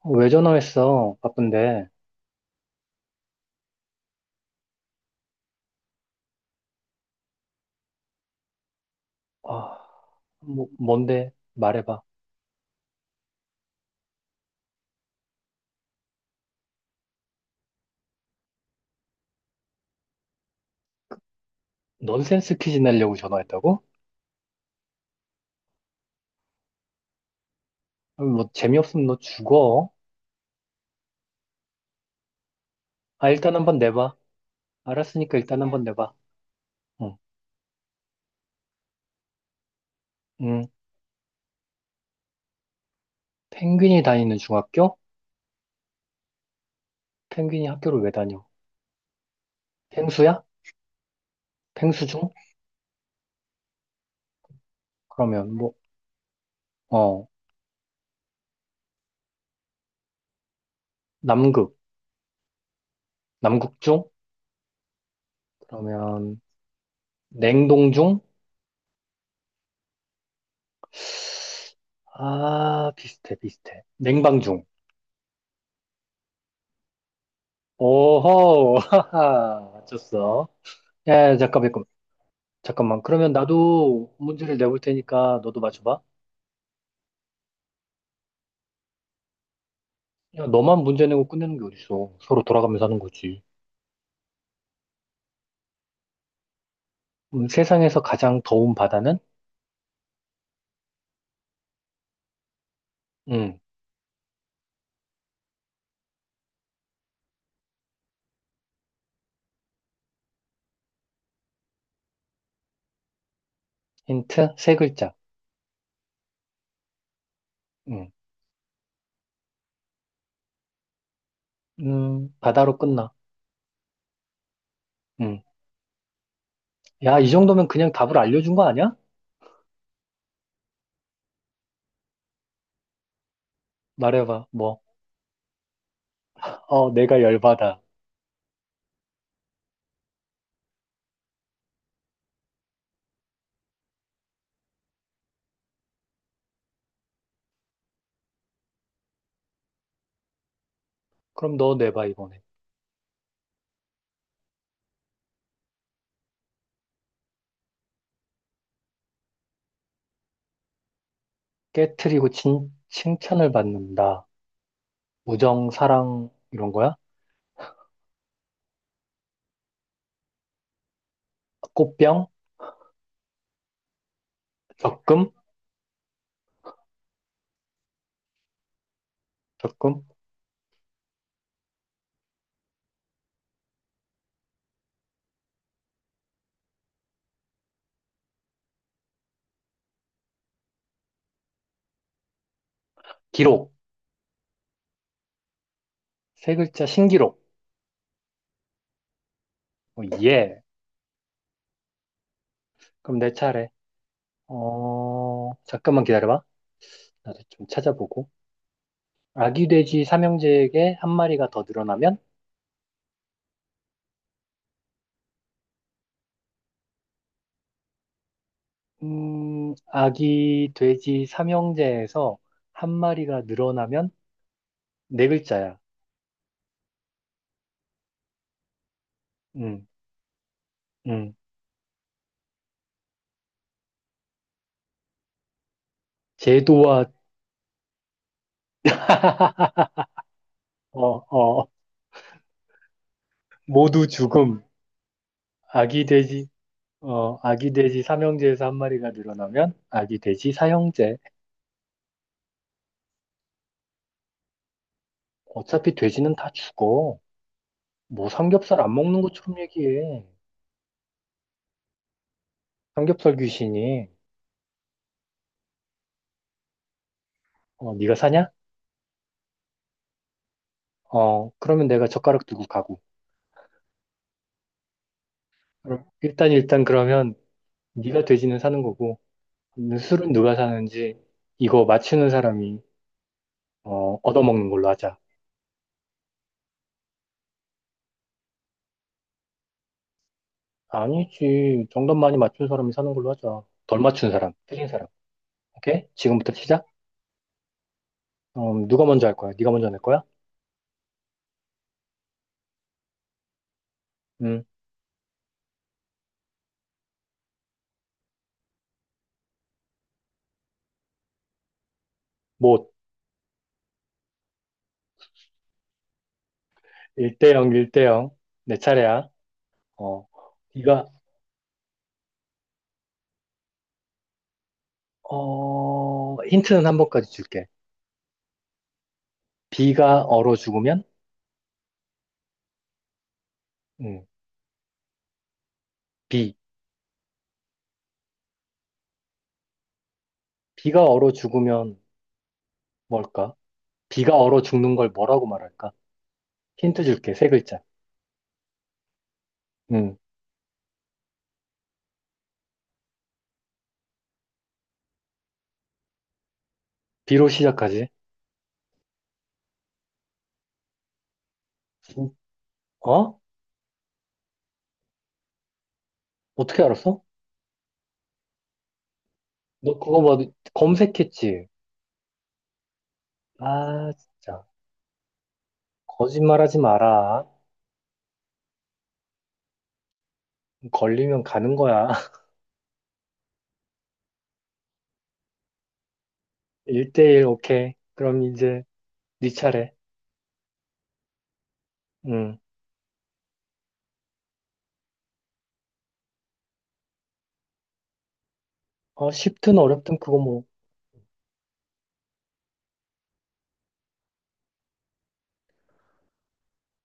어, 왜 전화했어? 바쁜데. 아, 뭔데? 말해봐. 넌센스 퀴즈 내려고 전화했다고? 아, 뭐, 재미없으면 너 죽어. 아, 일단 한번 내봐. 알았으니까 일단 한번 내봐. 응. 응. 펭귄이 다니는 중학교? 펭귄이 학교를 왜 다녀? 펭수야? 펭수중? 그러면 뭐, 어, 남극. 남극중? 그러면, 냉동중? 아, 비슷해, 비슷해. 냉방중. 오호, 하하, 맞췄어. 야, 잠깐만. 그러면 나도 문제를 내볼 테니까 너도 맞춰봐. 야, 너만 문제 내고 끝내는 게 어딨어. 서로 돌아가면서 하는 거지. 세상에서 가장 더운 바다는? 음, 힌트 세 글자. 음, 바다로 끝나. 음, 야, 이 정도면 그냥 답을 알려준 거 아니야? 말해봐, 뭐. 어, 내가 열받아. 그럼 너 내봐, 이번에. 깨트리고 칭찬을 받는다. 우정, 사랑, 이런 거야? 꽃병? 적금? 적금? 기록. 세 글자, 신기록. 어, 예. 그럼 내 차례. 어, 잠깐만 기다려봐. 나도 좀 찾아보고. 아기 돼지 삼형제에게 한 마리가 더 늘어나면? 아기 돼지 삼형제에서 한 마리가 늘어나면 네 글자야. 음, 음. 제도와, 어, 어, 모두 죽음. 아기 돼지, 어, 아기 돼지 삼형제에서 한 마리가 늘어나면 아기 돼지 사형제. 어차피 돼지는 다 죽어. 뭐 삼겹살 안 먹는 것처럼 얘기해. 삼겹살 귀신이 어, 네가 사냐? 어, 그러면 내가 젓가락 들고 가고. 그럼 일단 그러면 네가 돼지는 사는 거고 그 술은 누가 사는지 이거 맞추는 사람이 어, 얻어먹는 걸로 하자. 아니지. 정답 많이 맞춘 사람이 사는 걸로 하자. 덜 맞춘 사람, 틀린 사람. 오케이? 지금부터 시작. 어, 누가 먼저 할 거야? 네가 먼저 낼 거야? 음, 뭐 1대 0, 1대 0. 내 차례야. 어, 네가 어, 힌트는 한 번까지 줄게. 비가 얼어 죽으면? 음, 비. 비가 얼어 죽으면 뭘까? 비가 얼어 죽는 걸 뭐라고 말할까? 힌트 줄게, 세 글자. 음, 비로 시작하지. 음, 어? 어떻게 알았어? 너 그거 뭐 검색했지? 아, 진짜. 거짓말하지 마라. 걸리면 가는 거야. 1대1, 오케이. 그럼 이제 네 차례. 음. 어, 쉽든 어렵든 그거 뭐.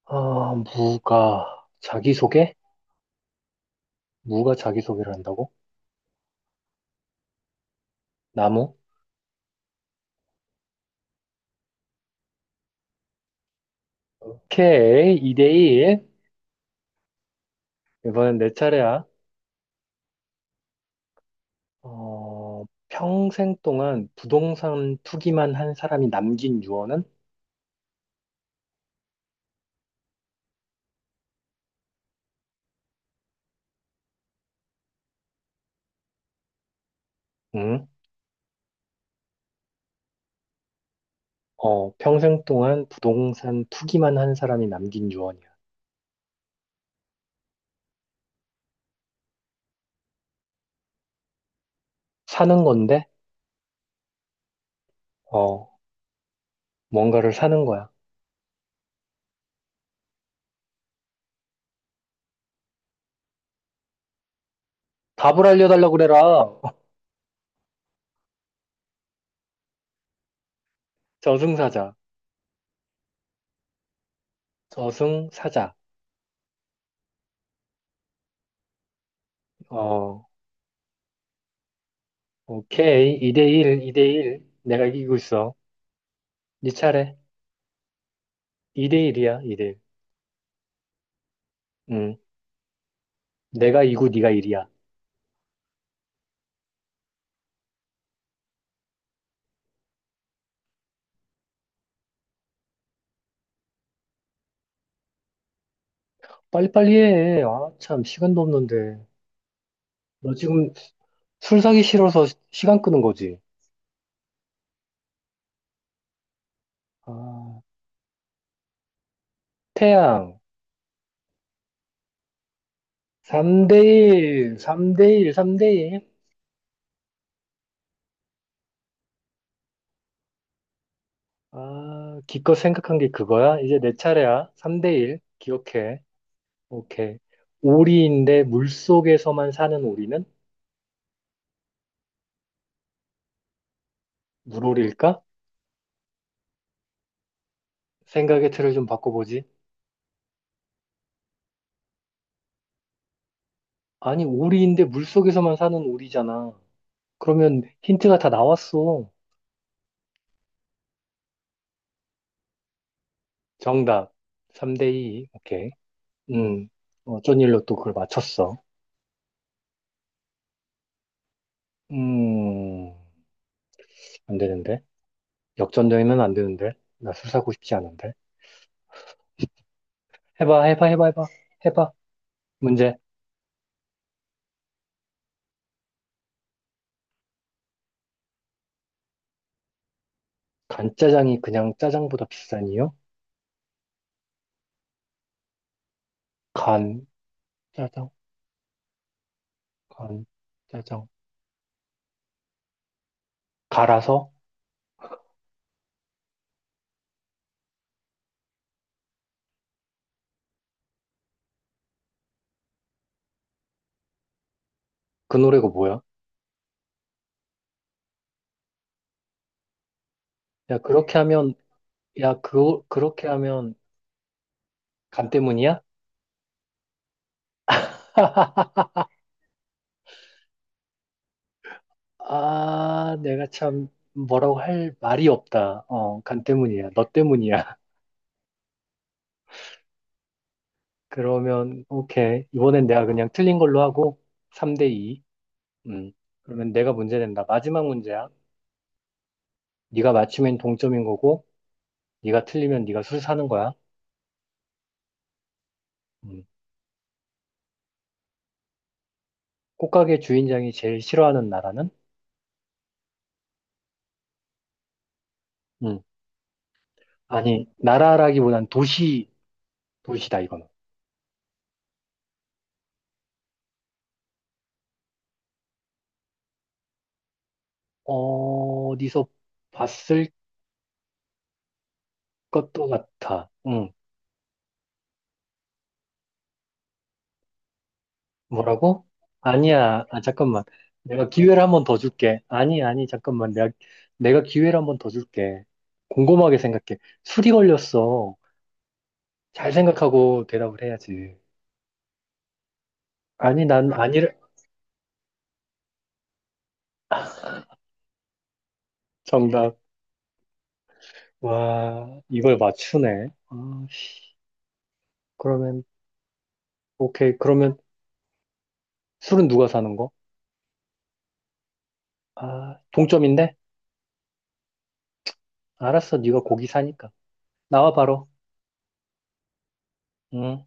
아, 무가 자기소개? 무가 자기소개를 한다고? 나무? 오케이, 2대1. 이번엔 내 차례야. 어, 평생 동안 부동산 투기만 한 사람이 남긴 유언은? 응? 어, 평생 동안 부동산 투기만 한 사람이 남긴 유언이야. 사는 건데, 어, 뭔가를 사는 거야. 답을 알려달라 그래라. 저승사자. 저승사자. 어, 오케이. 2대1, 2대1. 내가 이기고 있어. 네 차례. 2대1이야, 2대1. 응. 내가 이고 네가 일이야. 빨리빨리 해. 아, 참, 시간도 없는데. 너 지금 술 사기 싫어서 시간 끄는 거지. 아, 태양. 3대1, 3대1, 3대1. 아, 기껏 생각한 게 그거야? 이제 내 차례야. 3대1. 기억해. 오케이. 오리인데 물속에서만 사는 오리는? 물오리일까? 생각의 틀을 좀 바꿔보지. 아니, 오리인데 물속에서만 사는 오리잖아. 그러면 힌트가 다 나왔어. 정답. 3대2. 오케이. 음, 어, 어쩐 일로 또 그걸 맞췄어. 음. 안 되는데. 역전되면 안 되는데. 나 술 사고 싶지 않은데. 해봐. 해봐. 문제. 간짜장이 그냥 짜장보다 비싼 이유? 간, 짜장, 간, 짜장. 갈아서? 그 노래가 뭐야? 야, 그렇게 하면, 야, 그렇게 하면 간 때문이야? 아, 내가 참 뭐라고 할 말이 없다. 어, 간 때문이야. 너 때문이야. 그러면, 오케이. 이번엔 내가 그냥 틀린 걸로 하고, 3 대 2. 음. 그러면 내가 문제 낸다. 마지막 문제야. 네가 맞추면 동점인 거고, 네가 틀리면 네가 술 사는 거야. 음. 꽃가게 주인장이 제일 싫어하는 나라는? 음. 아니, 나라라기보단 도시, 도시다, 이거는. 어디서 봤을 것도 같아. 응. 뭐라고? 아니야, 아, 잠깐만. 내가 기회를 한 번 더 줄게. 아니, 아니, 잠깐만. 내가, 내가 기회를 한 번 더 줄게. 곰곰하게 생각해. 술이 걸렸어. 잘 생각하고 대답을 해야지. 아니, 난 아니를, 정답. 와, 이걸 맞추네. 아, 씨. 그러면, 오케이. 그러면 술은 누가 사는 거? 아, 동점인데? 알았어. 네가 고기 사니까. 나와, 바로. 응,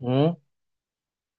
응.